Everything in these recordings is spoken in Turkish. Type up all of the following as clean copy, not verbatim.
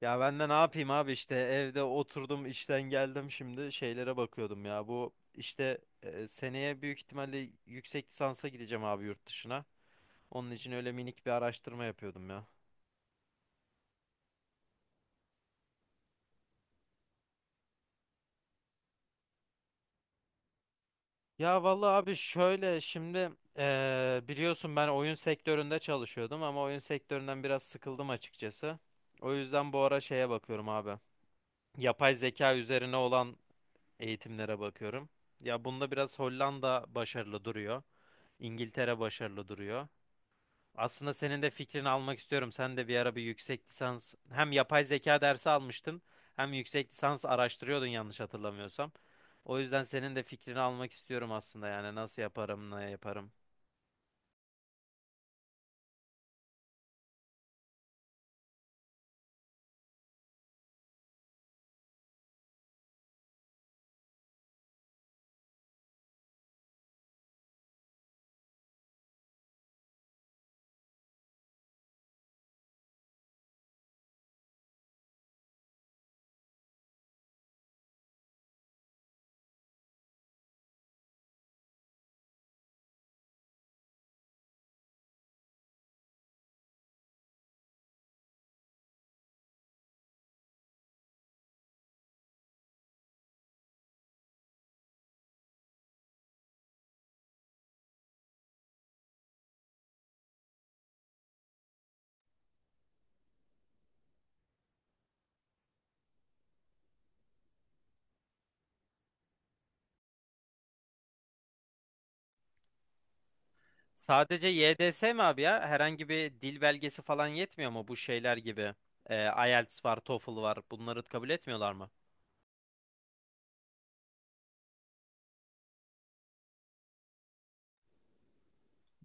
Ya ben de ne yapayım abi işte evde oturdum işten geldim şimdi şeylere bakıyordum ya. Bu işte seneye büyük ihtimalle yüksek lisansa gideceğim abi yurt dışına. Onun için öyle minik bir araştırma yapıyordum ya. Ya vallahi abi şöyle şimdi, biliyorsun ben oyun sektöründe çalışıyordum ama oyun sektöründen biraz sıkıldım açıkçası. O yüzden bu ara şeye bakıyorum abi. Yapay zeka üzerine olan eğitimlere bakıyorum. Ya bunda biraz Hollanda başarılı duruyor. İngiltere başarılı duruyor. Aslında senin de fikrini almak istiyorum. Sen de bir ara bir yüksek lisans hem yapay zeka dersi almıştın hem yüksek lisans araştırıyordun yanlış hatırlamıyorsam. O yüzden senin de fikrini almak istiyorum aslında yani nasıl yaparım, ne yaparım. Sadece YDS mi abi ya? Herhangi bir dil belgesi falan yetmiyor mu bu şeyler gibi? Ee, IELTS var, TOEFL var. Bunları kabul etmiyorlar mı?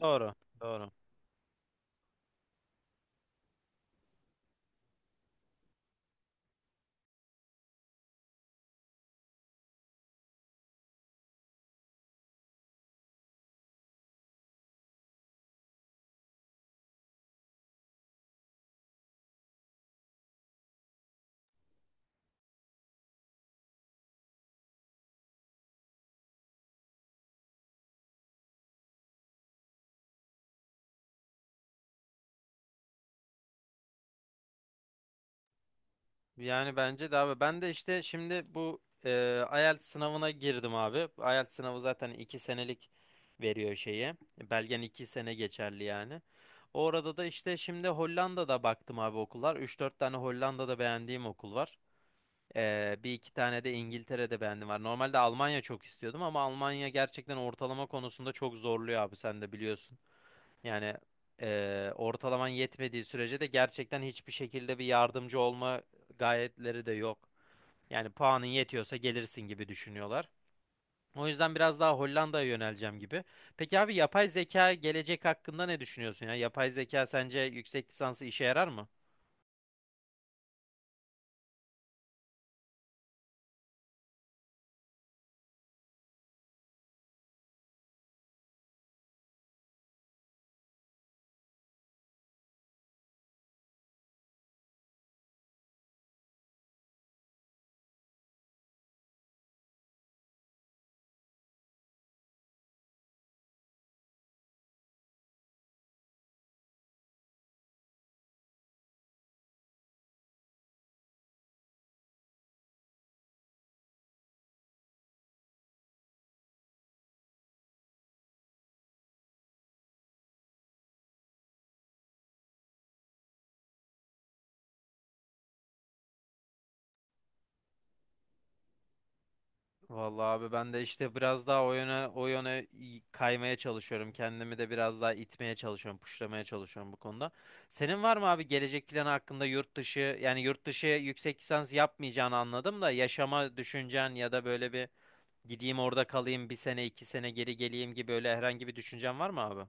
Doğru, doğru. Yani bence de abi ben de işte şimdi bu IELTS sınavına girdim abi. IELTS sınavı zaten 2 senelik veriyor şeyi. Belgen 2 sene geçerli yani. Orada da işte şimdi Hollanda'da baktım abi okullar. Üç dört tane Hollanda'da beğendiğim okul var. E, bir iki tane de İngiltere'de beğendim var. Normalde Almanya çok istiyordum ama Almanya gerçekten ortalama konusunda çok zorluyor abi sen de biliyorsun. Yani, ortalaman yetmediği sürece de gerçekten hiçbir şekilde bir yardımcı olma gayetleri de yok. Yani puanın yetiyorsa gelirsin gibi düşünüyorlar. O yüzden biraz daha Hollanda'ya yöneleceğim gibi. Peki abi yapay zeka gelecek hakkında ne düşünüyorsun ya? Yapay zeka sence yüksek lisansı işe yarar mı? Vallahi abi ben de işte biraz daha o yöne kaymaya çalışıyorum. Kendimi de biraz daha itmeye çalışıyorum, puşlamaya çalışıyorum bu konuda. Senin var mı abi gelecek planı hakkında yurt dışı yani yurt dışı yüksek lisans yapmayacağını anladım da yaşama düşüncen ya da böyle bir gideyim orada kalayım bir sene iki sene geri geleyim gibi öyle herhangi bir düşüncen var mı abi?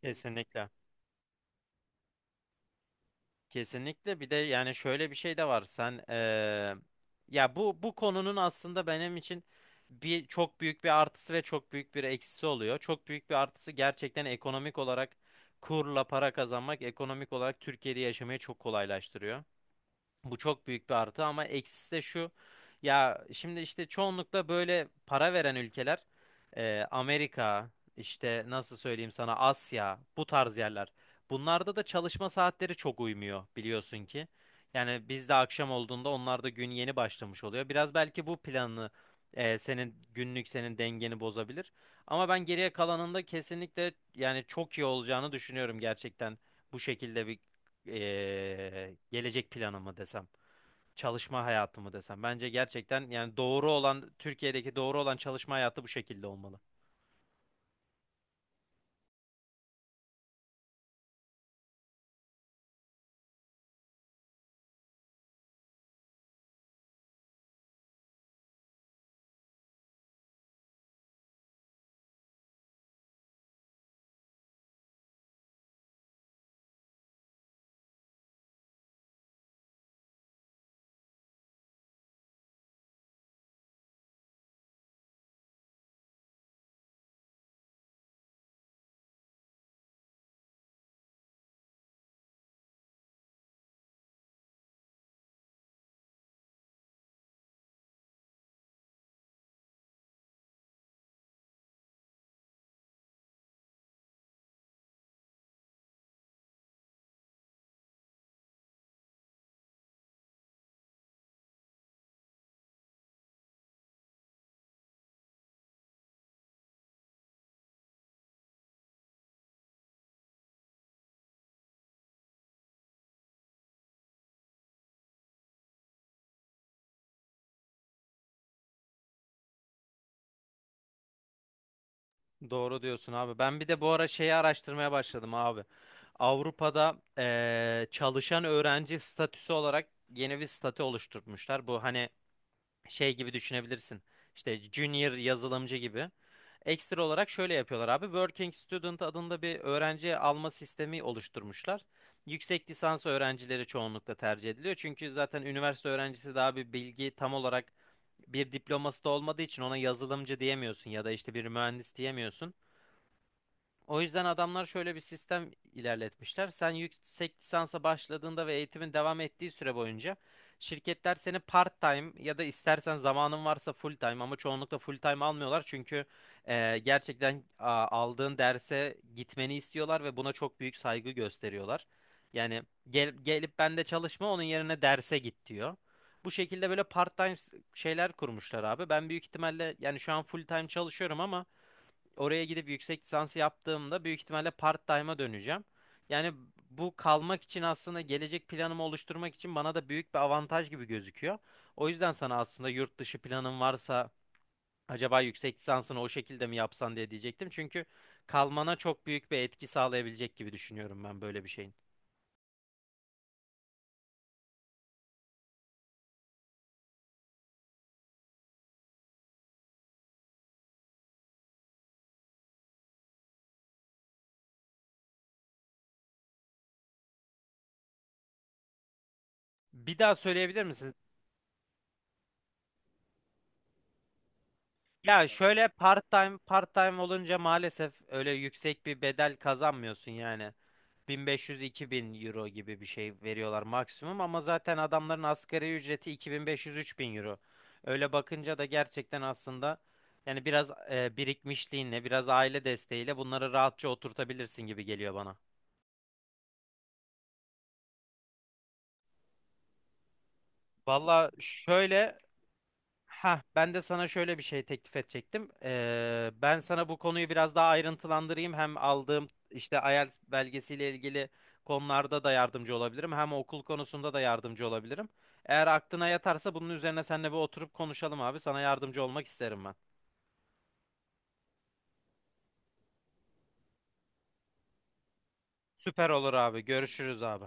Kesinlikle. Kesinlikle bir de yani şöyle bir şey de var sen ya bu konunun aslında benim için bir çok büyük bir artısı ve çok büyük bir eksisi oluyor. Çok büyük bir artısı gerçekten ekonomik olarak kurla para kazanmak ekonomik olarak Türkiye'de yaşamayı çok kolaylaştırıyor. Bu çok büyük bir artı ama eksisi de şu. Ya şimdi işte çoğunlukla böyle para veren ülkeler Amerika, işte nasıl söyleyeyim sana Asya, bu tarz yerler. Bunlarda da çalışma saatleri çok uymuyor biliyorsun ki. Yani bizde akşam olduğunda onlarda gün yeni başlamış oluyor. Biraz belki bu planını, senin günlük, dengeni bozabilir. Ama ben geriye kalanında kesinlikle yani çok iyi olacağını düşünüyorum gerçekten bu şekilde bir gelecek planımı desem, çalışma hayatımı desem. Bence gerçekten yani doğru olan Türkiye'deki doğru olan çalışma hayatı bu şekilde olmalı. Doğru diyorsun abi. Ben bir de bu ara şeyi araştırmaya başladım abi. Avrupa'da çalışan öğrenci statüsü olarak yeni bir statü oluşturmuşlar. Bu hani şey gibi düşünebilirsin. İşte junior yazılımcı gibi. Ekstra olarak şöyle yapıyorlar abi. Working Student adında bir öğrenci alma sistemi oluşturmuşlar. Yüksek lisans öğrencileri çoğunlukla tercih ediliyor. Çünkü zaten üniversite öğrencisi daha bir bilgi tam olarak bir diploması da olmadığı için ona yazılımcı diyemiyorsun ya da işte bir mühendis diyemiyorsun. O yüzden adamlar şöyle bir sistem ilerletmişler. Sen yüksek lisansa başladığında ve eğitimin devam ettiği süre boyunca şirketler seni part-time ya da istersen zamanın varsa full-time ama çoğunlukla full-time almıyorlar. Çünkü gerçekten aldığın derse gitmeni istiyorlar ve buna çok büyük saygı gösteriyorlar. Yani gelip ben de çalışma onun yerine derse git diyor. Bu şekilde böyle part-time şeyler kurmuşlar abi. Ben büyük ihtimalle yani şu an full-time çalışıyorum ama oraya gidip yüksek lisansı yaptığımda büyük ihtimalle part-time'a döneceğim. Yani bu kalmak için aslında gelecek planımı oluşturmak için bana da büyük bir avantaj gibi gözüküyor. O yüzden sana aslında yurt dışı planın varsa acaba yüksek lisansını o şekilde mi yapsan diye diyecektim. Çünkü kalmana çok büyük bir etki sağlayabilecek gibi düşünüyorum ben böyle bir şeyin. Bir daha söyleyebilir misiniz? Ya şöyle part-time olunca maalesef öyle yüksek bir bedel kazanmıyorsun yani. 1500-2000 euro gibi bir şey veriyorlar maksimum ama zaten adamların asgari ücreti 2500-3000 euro. Öyle bakınca da gerçekten aslında yani biraz birikmişliğinle, biraz aile desteğiyle bunları rahatça oturtabilirsin gibi geliyor bana. Valla şöyle. Ha, ben de sana şöyle bir şey teklif edecektim. Ben sana bu konuyu biraz daha ayrıntılandırayım. Hem aldığım işte IELTS belgesiyle ilgili konularda da yardımcı olabilirim. Hem okul konusunda da yardımcı olabilirim. Eğer aklına yatarsa bunun üzerine seninle bir oturup konuşalım abi. Sana yardımcı olmak isterim ben. Süper olur abi. Görüşürüz abi.